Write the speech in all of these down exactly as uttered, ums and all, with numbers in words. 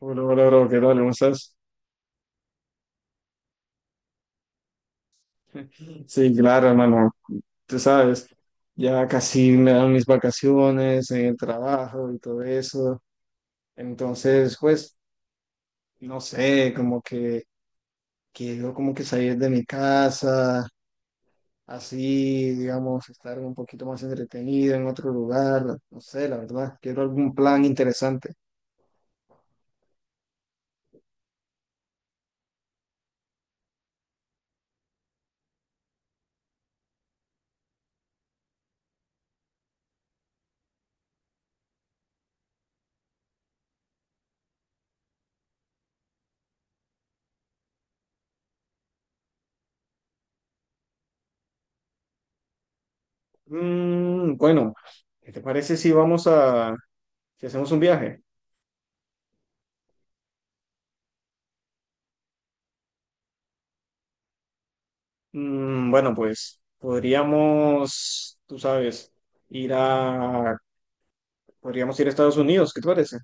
Hola, hola, bro, ¿qué tal? ¿Cómo estás? Sí, claro, hermano, tú sabes, ya casi me dan mis vacaciones en el trabajo y todo eso. Entonces, pues, no sé, como que quiero como que salir de mi casa, así, digamos, estar un poquito más entretenido en otro lugar, no sé, la verdad, quiero algún plan interesante. Mm, bueno, ¿qué te parece si vamos a, si hacemos un viaje? Mm, bueno, pues podríamos, tú sabes, ir a, podríamos ir a Estados Unidos, ¿qué te parece?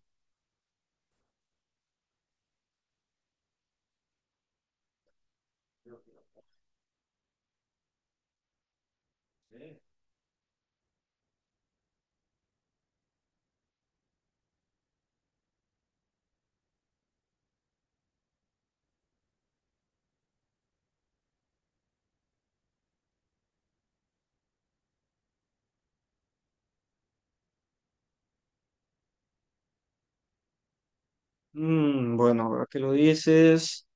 Mm, bueno, ahora que lo dices,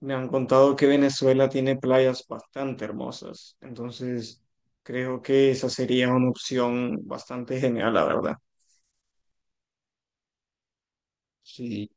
me han contado que Venezuela tiene playas bastante hermosas, entonces creo que esa sería una opción bastante genial, la verdad. Sí.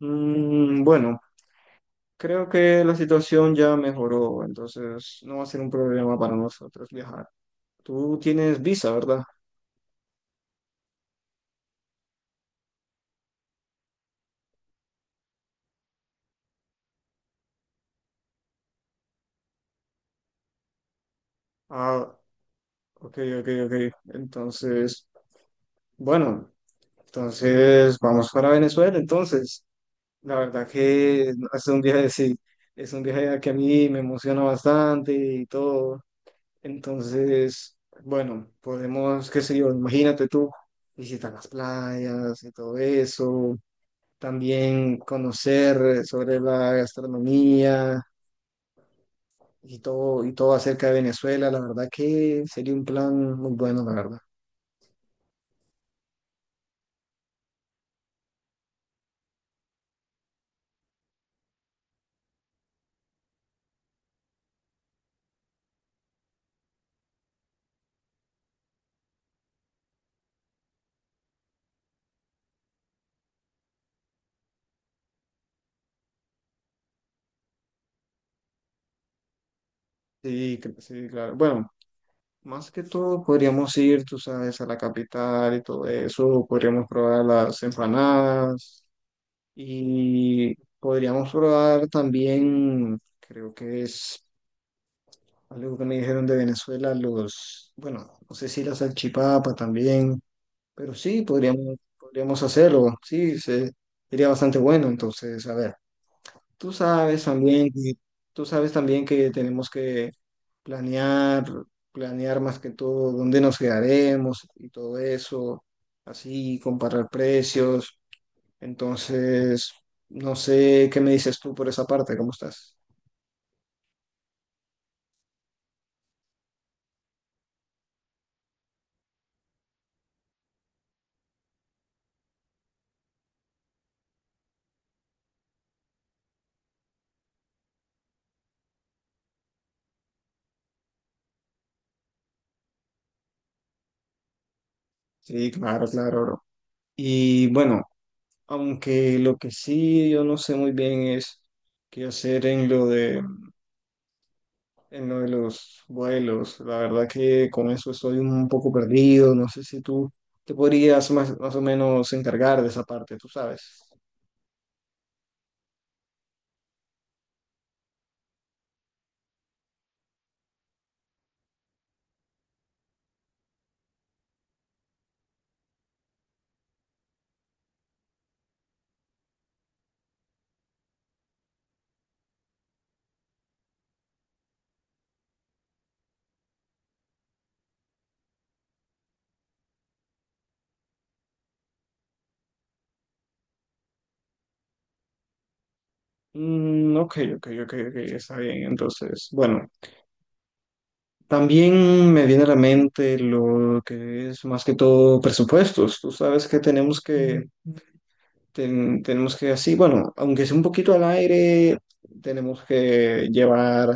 Mm, bueno. Creo que la situación ya mejoró, entonces no va a ser un problema para nosotros viajar. Tú tienes visa, ¿verdad? Ah, ok, ok, ok. Entonces, bueno, entonces vamos para Venezuela. Entonces, la verdad que es un viaje, sí, es un viaje que a mí me emociona bastante y todo. Entonces, bueno, podemos, qué sé yo, imagínate tú, visitar las playas y todo eso, también conocer sobre la gastronomía y todo, y todo acerca de Venezuela, la verdad que sería un plan muy bueno, la verdad. Sí, cre- sí, claro. Bueno, más que todo podríamos ir, tú sabes, a la capital y todo eso, podríamos probar las empanadas y podríamos probar también, creo que es algo que me dijeron de Venezuela, los, bueno, no sé si la salchipapa también. Pero sí, podríamos, podríamos hacerlo, sí, se- sería bastante bueno. Entonces, a ver, tú sabes también que, tú sabes también que tenemos que planear, planear más que todo dónde nos quedaremos y todo eso, así, comparar precios. Entonces, no sé qué me dices tú por esa parte, ¿cómo estás? Sí, claro, claro, bro. Y bueno, aunque lo que sí yo no sé muy bien es qué hacer en lo de en lo de los vuelos. La verdad que con eso estoy un poco perdido. No sé si tú te podrías más, más o menos encargar de esa parte, tú sabes. Mm, ok, ok, ok, ok, ok, está bien. Entonces, bueno, también me viene a la mente lo que es más que todo presupuestos. Tú sabes que tenemos que, ten- tenemos que así, bueno, aunque sea un poquito al aire, tenemos que llevar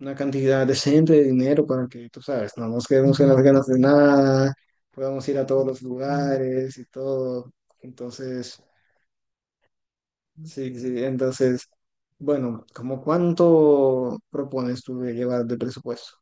una cantidad decente de dinero para que, tú sabes, no nos quedemos con las ganas de nada, podamos ir a todos los lugares y todo. Entonces, sí, sí, entonces, bueno, ¿cómo cuánto propones tú de llevar de presupuesto?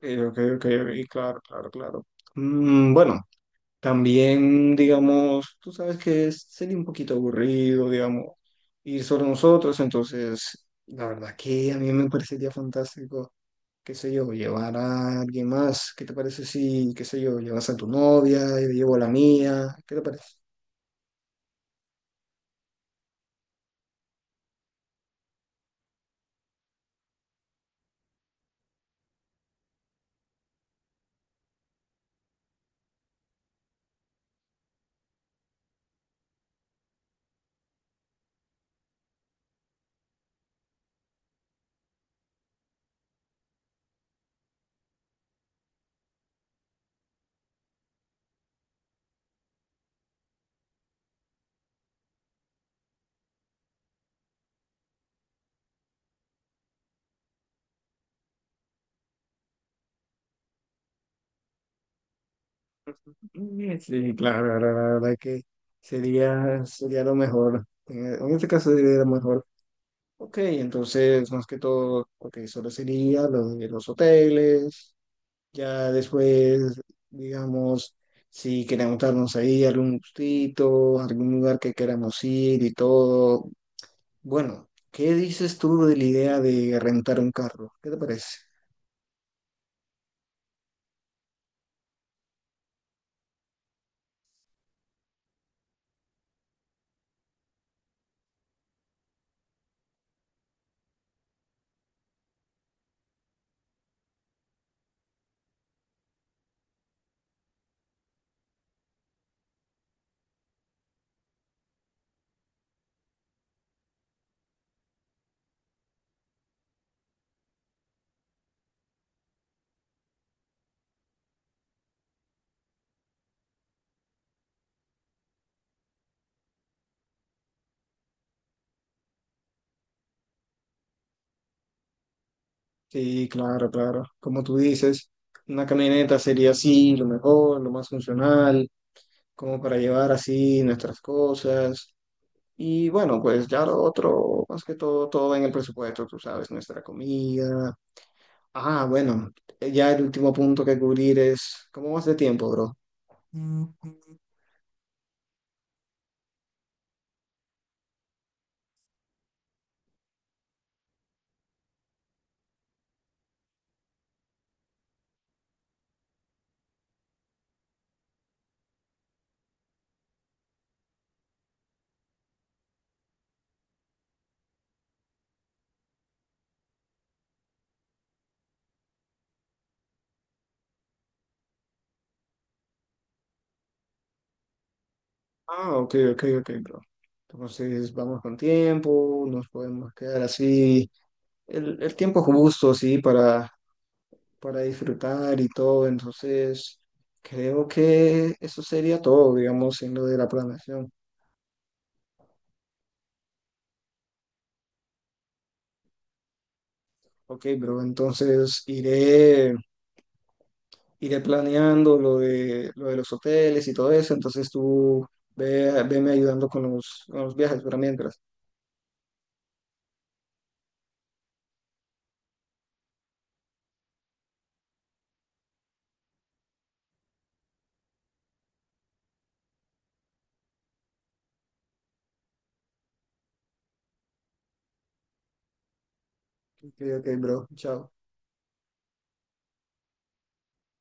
Eh, ok, ok, y claro, claro, claro. Mm, bueno, también, digamos, tú sabes que es- sería un poquito aburrido, digamos, ir solo nosotros, entonces, la verdad que a mí me parecería fantástico, qué sé yo, llevar a alguien más. ¿Qué te parece si, qué sé yo, llevas a tu novia, yo llevo a la mía? ¿Qué te parece? Mm, Sí, claro, la la- la verdad que sería, sería lo mejor. Eh, En este caso sería lo mejor. Ok, entonces, más que todo, ok, solo sería lo de los hoteles. Ya después, digamos, si queremos darnos ahí algún gustito, algún lugar que queramos ir y todo, bueno, ¿qué dices tú de la idea de rentar un carro? ¿Qué te parece? Sí, claro, claro. Como tú dices, una camioneta sería así, lo mejor, lo más funcional, como para llevar así nuestras cosas. Y bueno, pues ya lo otro, más que todo, todo va en el presupuesto, tú sabes, nuestra comida. Ah, bueno, ya el último punto que cubrir es, ¿cómo vas de tiempo, bro? Ah, ok, ok, ok, bro. Entonces vamos con tiempo, nos podemos quedar así. El, el tiempo justo, sí, para, para disfrutar y todo. Entonces, creo que eso sería todo, digamos, en lo de la planeación. Ok, bro, entonces iré, iré planeando lo de, lo de los hoteles y todo eso. Entonces tú ve, veme ayudando con los, con los viajes, pero mientras. Ok, ok, bro, chao.